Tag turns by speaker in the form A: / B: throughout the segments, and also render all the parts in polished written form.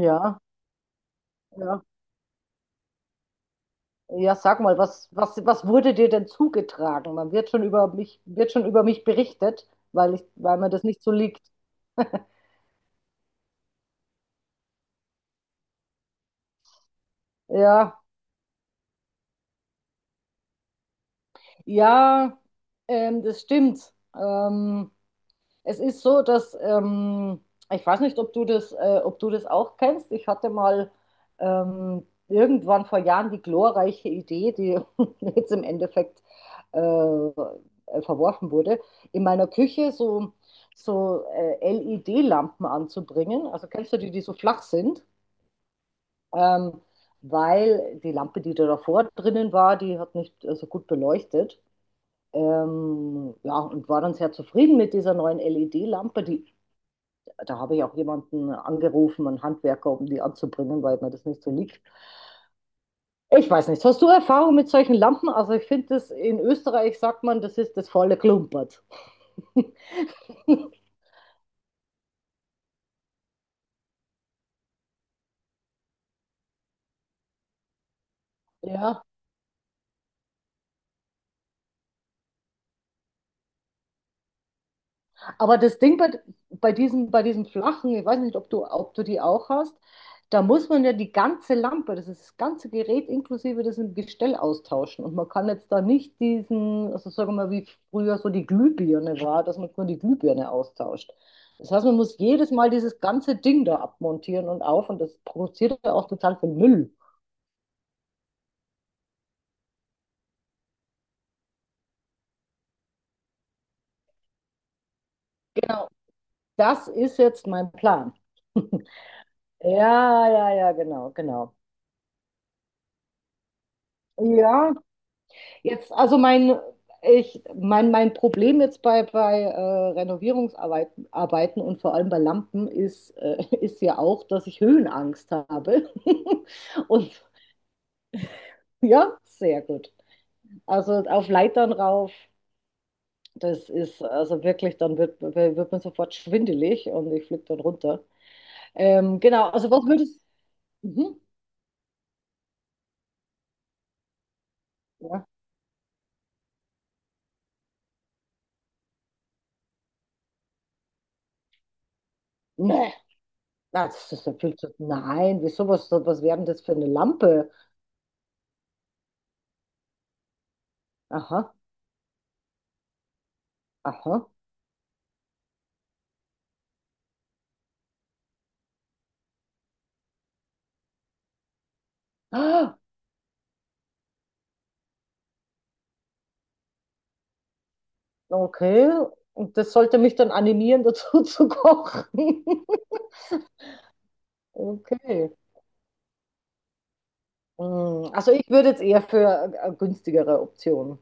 A: Ja, ja. Ja, sag mal, was wurde dir denn zugetragen? Man wird schon über mich, wird schon über mich berichtet, weil mir das nicht so liegt. Ja, ja, das stimmt. Ähm, Es ist so, dass ich weiß nicht, ob du das auch kennst. Ich hatte mal irgendwann vor Jahren die glorreiche Idee, die jetzt im Endeffekt äh, verworfen wurde, in meiner Küche so LED-Lampen anzubringen. Also kennst du die, die so flach sind? Ähm, Weil die Lampe, die da davor drinnen war, die hat nicht so gut beleuchtet. Ja, und war dann sehr zufrieden mit dieser neuen LED-Lampe, die da habe ich auch jemanden angerufen, einen Handwerker, um die anzubringen, weil mir das nicht so liegt. Ich weiß nicht, hast du Erfahrung mit solchen Lampen? Also ich finde das, in Österreich sagt man, das ist das volle Klumpert. Ja, aber das Ding bei diesem flachen, ich weiß nicht, ob du die auch hast, da muss man ja die ganze Lampe, das ist das ganze Gerät inklusive diesem Gestell austauschen. Und man kann jetzt da nicht diesen, also sagen wir mal, wie früher so die Glühbirne war, dass man nur die Glühbirne austauscht. Das heißt, man muss jedes Mal dieses ganze Ding da abmontieren und auf und das produziert ja auch total viel Müll. Das ist jetzt mein Plan. Ja, ja, ja, genau, genau. Ja, jetzt, mein Problem jetzt bei, bei Renovierungsarbeiten Arbeiten und vor allem bei Lampen ist, ist ja auch, dass ich Höhenangst habe. Und ja, sehr gut. Also auf Leitern rauf, das ist also wirklich, dann wird man sofort schwindelig und ich fliege dann runter. Genau, also was würdest du. Mhm. Ja. Nee, na, das ist ja viel zu. Nein, wieso was wäre denn das für eine Lampe? Aha, aha. Okay, und das sollte mich dann animieren, dazu zu kochen. Okay. Mm, also ich würde jetzt eher für eine günstigere Option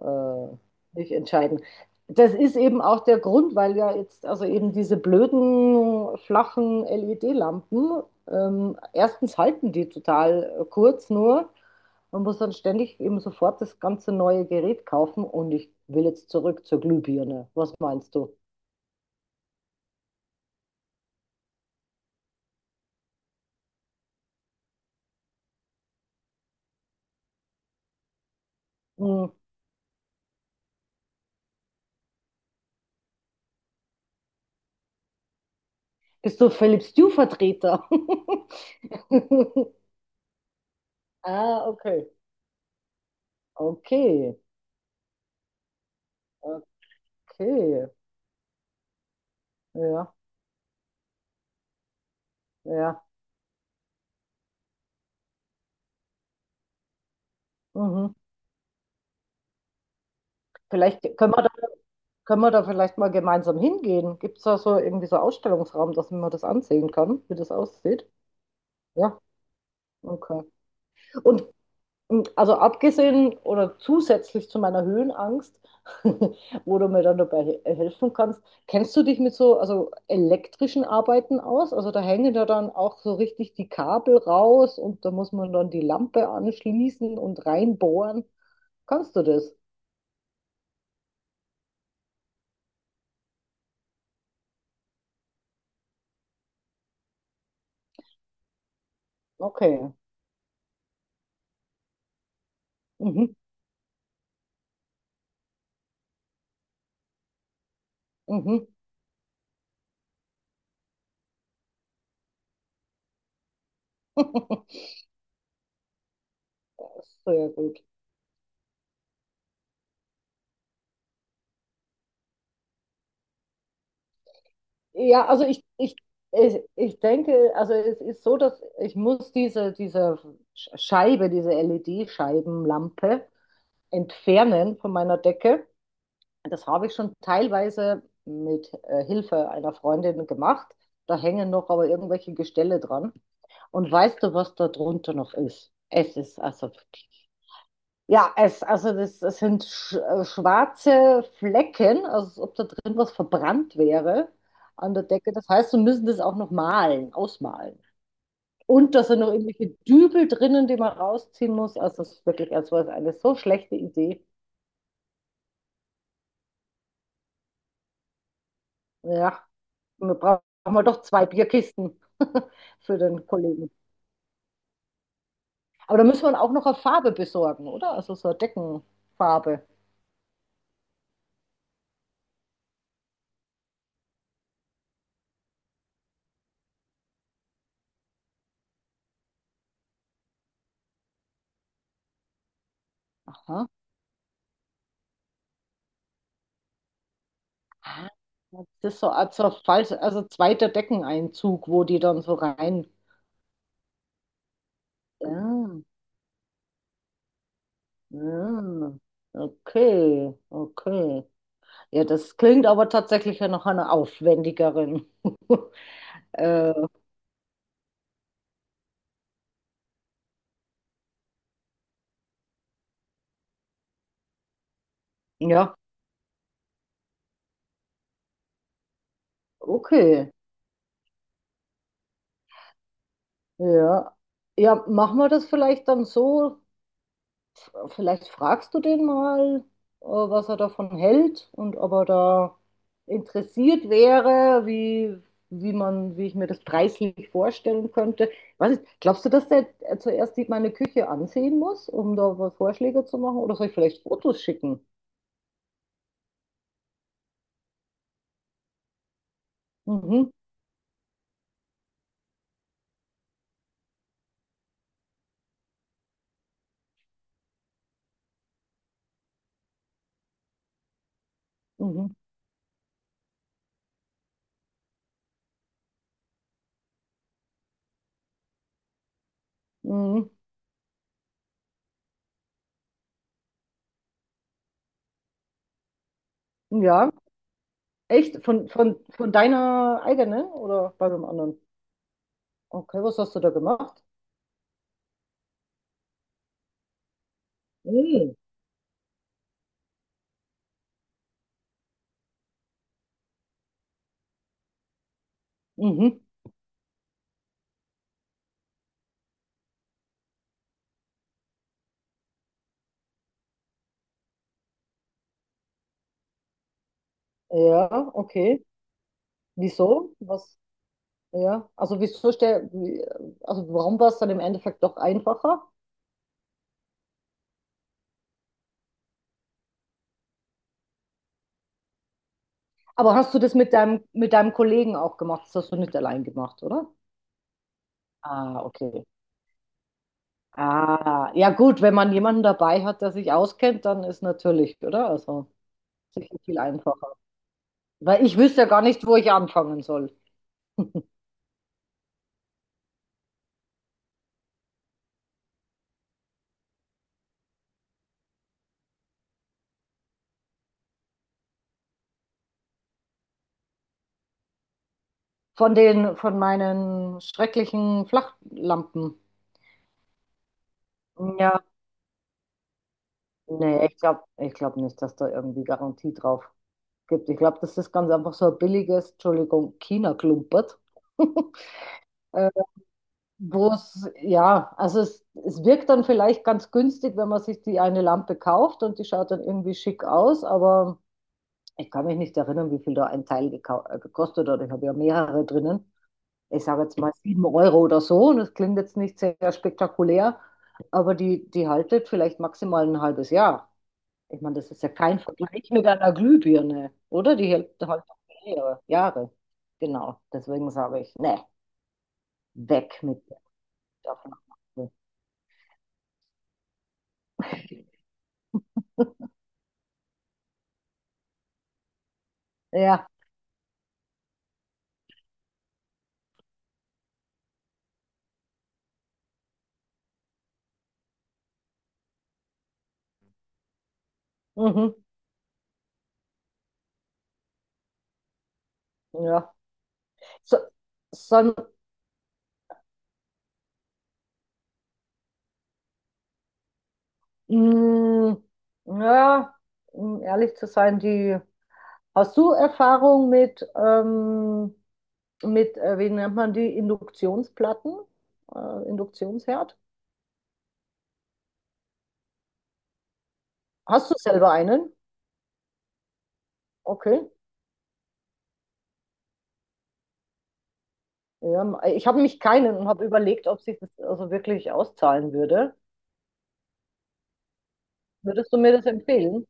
A: äh, mich entscheiden. Das ist eben auch der Grund, weil ja jetzt also eben diese blöden, flachen LED-Lampen, erstens halten die total kurz nur. Man muss dann ständig eben sofort das ganze neue Gerät kaufen und ich will jetzt zurück zur Glühbirne. Was meinst du? Mm, bist du Philipp Stew-Vertreter? Ah, okay. Okay. Okay. Ja, ja. Mhm. Vielleicht können wir da, Können wir da vielleicht mal gemeinsam hingehen? Gibt es da so irgendwie so Ausstellungsraum, dass man das ansehen kann, wie das aussieht? Ja, okay. Und also abgesehen oder zusätzlich zu meiner Höhenangst, wo du mir dann dabei helfen kannst, kennst du dich mit so also elektrischen Arbeiten aus? Also da hängen ja dann auch so richtig die Kabel raus und da muss man dann die Lampe anschließen und reinbohren. Kannst du das? Okay. Mhm. Mhm. Sehr gut. Ja, also ich denke, also es ist so, dass ich muss diese Scheibe, diese LED-Scheibenlampe entfernen von meiner Decke. Das habe ich schon teilweise mit Hilfe einer Freundin gemacht. Da hängen noch aber irgendwelche Gestelle dran. Und weißt du, was da drunter noch ist? Es ist also ja, es, es sind schwarze Flecken, also als ob da drin was verbrannt wäre an der Decke. Das heißt, wir müssen das auch noch malen, ausmalen. Und da sind noch irgendwelche Dübel drinnen, die man rausziehen muss. Also es ist wirklich, es war eine so schlechte Idee. Ja, wir brauchen wir doch zwei Bierkisten für den Kollegen. Aber da müssen wir auch noch eine Farbe besorgen, oder? Also so eine Deckenfarbe. Aha. Ah, das ist so als so falsch, also zweiter Deckeneinzug, wo die dann so rein. Ja, ja. Okay, okay. Ja, das klingt aber tatsächlich ja nach einer aufwendigeren. äh, ja, okay. Ja. Ja, machen wir das vielleicht dann so. Vielleicht fragst du den mal, was er davon hält und ob er da interessiert wäre, wie man, wie ich mir das preislich vorstellen könnte. Weiß nicht, glaubst du, dass der zuerst meine Küche ansehen muss, um da was Vorschläge zu machen? Oder soll ich vielleicht Fotos schicken? Mhm, mhm, mhm. Ja, echt? Von, von deiner eigenen oder bei dem anderen? Okay, was hast du da gemacht? Mhm. Mhm. Ja, okay. Wieso? Was? Ja, also also warum war es dann im Endeffekt doch einfacher? Aber hast du das mit deinem Kollegen auch gemacht? Das hast du nicht allein gemacht, oder? Ah, okay. Ah, ja gut, wenn man jemanden dabei hat, der sich auskennt, dann ist natürlich, oder? Also sicher viel einfacher. Weil ich wüsste ja gar nicht, wo ich anfangen soll. Von den, von meinen schrecklichen Flachlampen. Ja, nee, ich glaube nicht, dass da irgendwie Garantie drauf gibt. Ich glaube, das ist ganz einfach so ein billiges, Entschuldigung, China-Klumpert. äh, Wo es, ja, es wirkt dann vielleicht ganz günstig, wenn man sich die eine Lampe kauft und die schaut dann irgendwie schick aus, aber ich kann mich nicht erinnern, wie viel da ein Teil gekostet hat. Ich habe ja mehrere drinnen. Ich sage jetzt mal 7 € oder so und das klingt jetzt nicht sehr spektakulär, aber die, die haltet vielleicht maximal ein halbes Jahr. Ich meine, das ist ja kein Vergleich mit einer Glühbirne, oder? Die hält halt mehrere Jahre. Genau, deswegen sage ich, ne, weg mit der Stoffnadel. Ja, mhm, ja. So, so, mh, ja, um ehrlich zu sein, die, hast du Erfahrung mit, wie nennt man die, Induktionsplatten, Induktionsherd? Hast du selber einen? Okay. Ja, ich habe mich keinen und habe überlegt, ob sich das also wirklich auszahlen würde. Würdest du mir das empfehlen?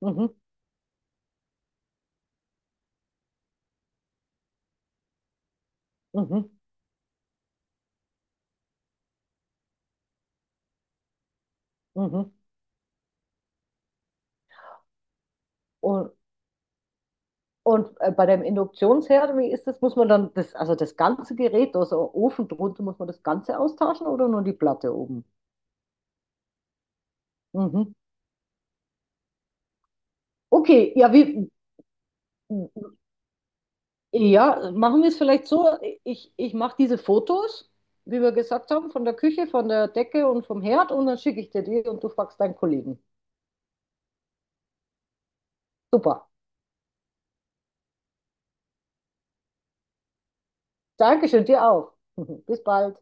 A: Mhm, mhm, mhm. Und, und bei dem Induktionsherd, wie ist das? Muss man dann das, also das ganze Gerät, also Ofen drunter, muss man das Ganze austauschen oder nur die Platte oben? Mhm. Okay, ja, machen wir es vielleicht so. Ich mache diese Fotos, wie wir gesagt haben, von der Küche, von der Decke und vom Herd und dann schicke ich dir die und du fragst deinen Kollegen. Super. Dankeschön, dir auch. Bis bald.